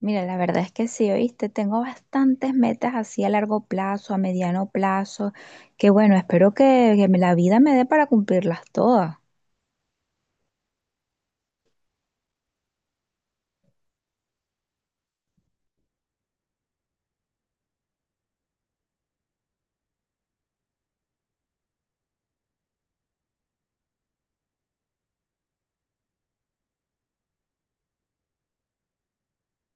Mira, la verdad es que sí, oíste, tengo bastantes metas así a largo plazo, a mediano plazo, que bueno, espero que la vida me dé para cumplirlas todas.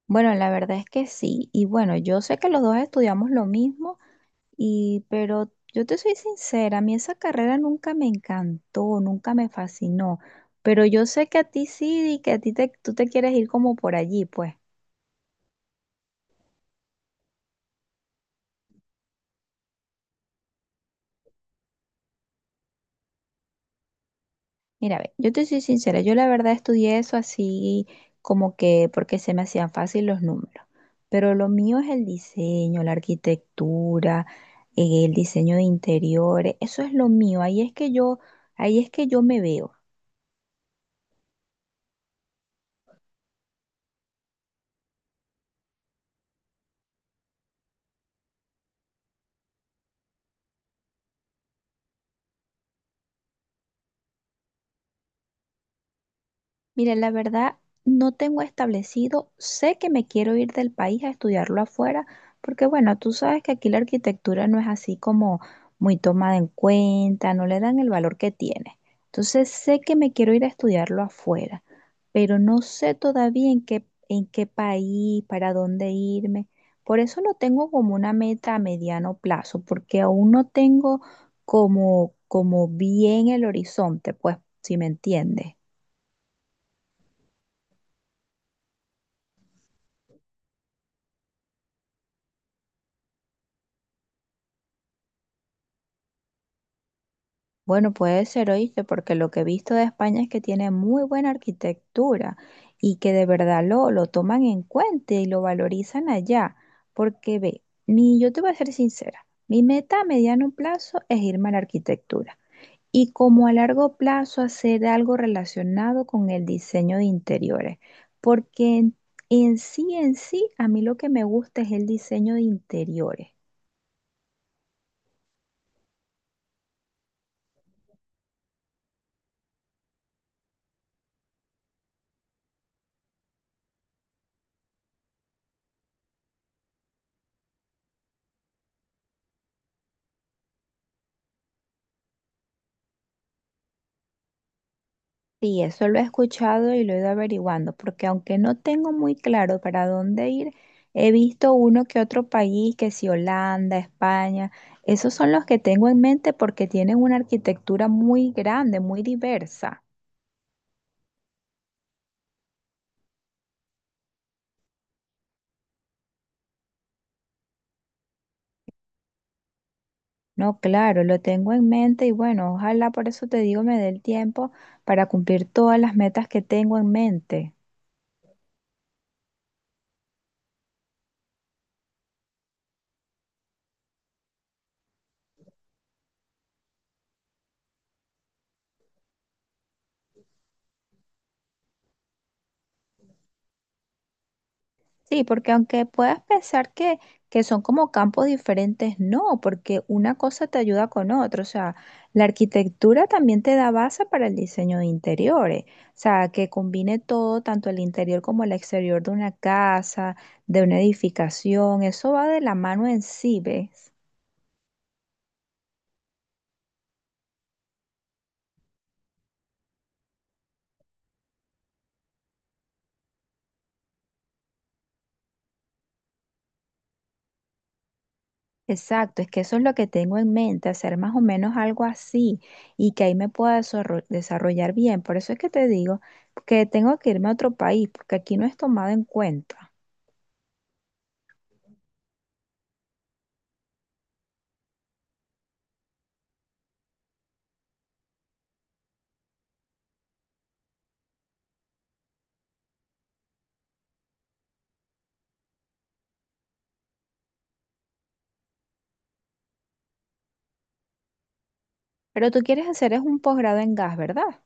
Bueno, la verdad es que sí, y bueno, yo sé que los dos estudiamos lo mismo, y pero yo te soy sincera, a mí esa carrera nunca me encantó, nunca me fascinó, pero yo sé que a ti sí y que tú te quieres ir como por allí, pues. Mira, ve, yo te soy sincera, yo la verdad estudié eso así como que porque se me hacían fácil los números, pero lo mío es el diseño, la arquitectura, el diseño de interiores, eso es lo mío, ahí es que yo me veo. Mire, la verdad, no tengo establecido, sé que me quiero ir del país a estudiarlo afuera, porque bueno, tú sabes que aquí la arquitectura no es así como muy tomada en cuenta, no le dan el valor que tiene. Entonces sé que me quiero ir a estudiarlo afuera, pero no sé todavía en qué país, para dónde irme. Por eso no tengo como una meta a mediano plazo, porque aún no tengo como bien el horizonte, pues, si me entiendes. Bueno, puede ser, oíste, porque lo que he visto de España es que tiene muy buena arquitectura y que de verdad lo toman en cuenta y lo valorizan allá. Porque ve, mi, yo te voy a ser sincera, mi meta a mediano plazo es irme a la arquitectura y como a largo plazo hacer algo relacionado con el diseño de interiores. Porque en sí, a mí lo que me gusta es el diseño de interiores. Sí, eso lo he escuchado y lo he ido averiguando, porque aunque no tengo muy claro para dónde ir, he visto uno que otro país, que si Holanda, España, esos son los que tengo en mente porque tienen una arquitectura muy grande, muy diversa. No, claro, lo tengo en mente y bueno, ojalá por eso te digo me dé el tiempo para cumplir todas las metas que tengo en mente. Sí, porque aunque puedas pensar que son como campos diferentes, no, porque una cosa te ayuda con otra. O sea, la arquitectura también te da base para el diseño de interiores. O sea, que combine todo, tanto el interior como el exterior de una casa, de una edificación. Eso va de la mano en sí, ¿ves? Exacto, es que eso es lo que tengo en mente, hacer más o menos algo así y que ahí me pueda desarrollar bien. Por eso es que te digo que tengo que irme a otro país, porque aquí no es tomado en cuenta. Pero tú quieres hacer es un posgrado en gas, ¿verdad?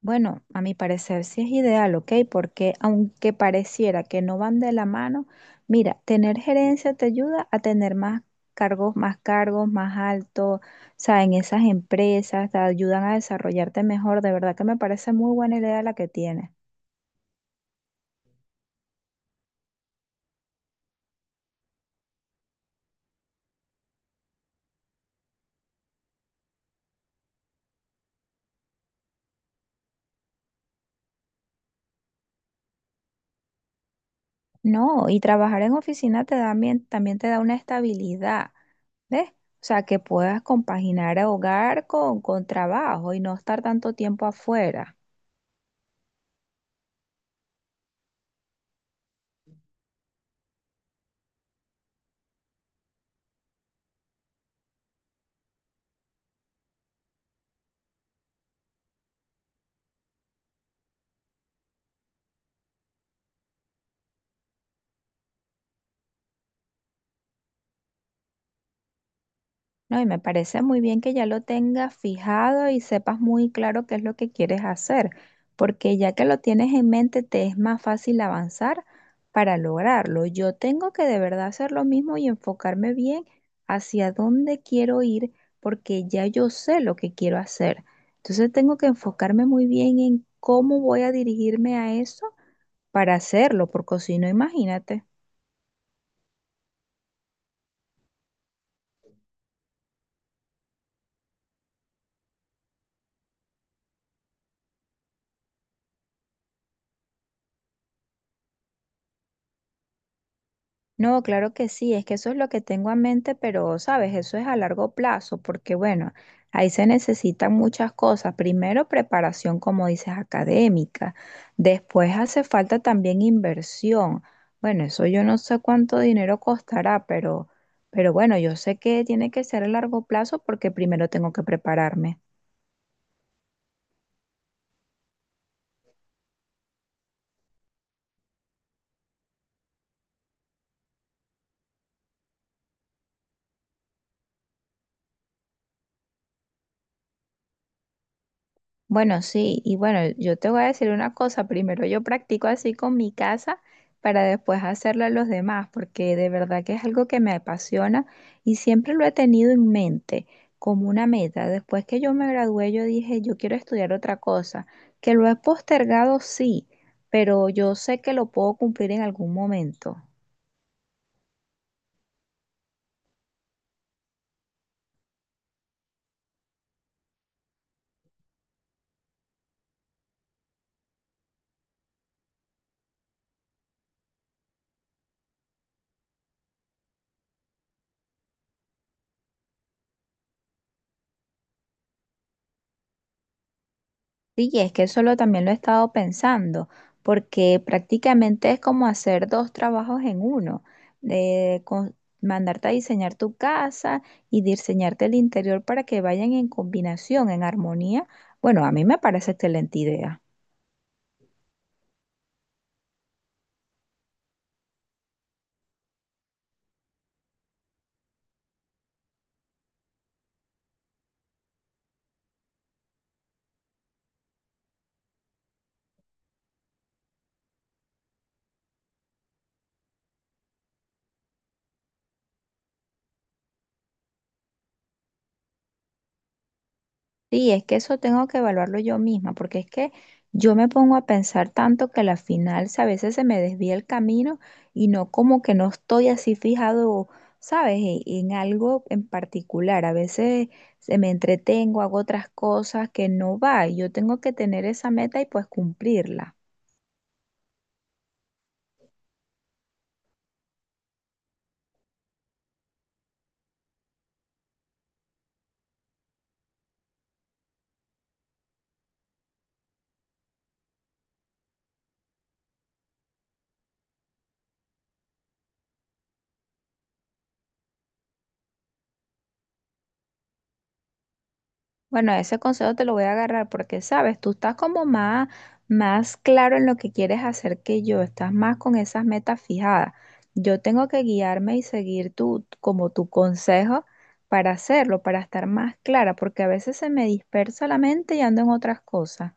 Bueno, a mi parecer sí es ideal, ¿ok? Porque aunque pareciera que no van de la mano, mira, tener gerencia te ayuda a tener más cargos, más altos, o sea, en esas empresas te ayudan a desarrollarte mejor. De verdad que me parece muy buena idea la que tienes. No, y trabajar en oficina te da también te da una estabilidad, ¿ves? O sea, que puedas compaginar hogar con trabajo y no estar tanto tiempo afuera. No, y me parece muy bien que ya lo tengas fijado y sepas muy claro qué es lo que quieres hacer, porque ya que lo tienes en mente, te es más fácil avanzar para lograrlo. Yo tengo que de verdad hacer lo mismo y enfocarme bien hacia dónde quiero ir, porque ya yo sé lo que quiero hacer. Entonces tengo que enfocarme muy bien en cómo voy a dirigirme a eso para hacerlo, porque si no, imagínate. No, claro que sí, es que eso es lo que tengo en mente, pero sabes, eso es a largo plazo, porque bueno, ahí se necesitan muchas cosas. Primero, preparación, como dices, académica. Después hace falta también inversión. Bueno, eso yo no sé cuánto dinero costará, pero bueno, yo sé que tiene que ser a largo plazo porque primero tengo que prepararme. Bueno, sí, y bueno, yo te voy a decir una cosa, primero yo practico así con mi casa para después hacerlo a los demás, porque de verdad que es algo que me apasiona y siempre lo he tenido en mente como una meta. Después que yo me gradué, yo dije, yo quiero estudiar otra cosa, que lo he postergado, sí, pero yo sé que lo puedo cumplir en algún momento. Sí, y es que eso lo, también lo he estado pensando, porque prácticamente es como hacer dos trabajos en uno, de con- mandarte a diseñar tu casa y diseñarte el interior para que vayan en combinación, en armonía. Bueno, a mí me parece excelente idea. Sí, es que eso tengo que evaluarlo yo misma, porque es que yo me pongo a pensar tanto que a la final, si a veces se me desvía el camino y no como que no estoy así fijado, ¿sabes? En algo en particular. A veces se me entretengo, hago otras cosas que no va. Y yo tengo que tener esa meta y pues cumplirla. Bueno, ese consejo te lo voy a agarrar porque, sabes, tú estás como más, más claro en lo que quieres hacer que yo, estás más con esas metas fijadas. Yo tengo que guiarme y seguir como tu consejo para hacerlo, para estar más clara, porque a veces se me dispersa la mente y ando en otras cosas.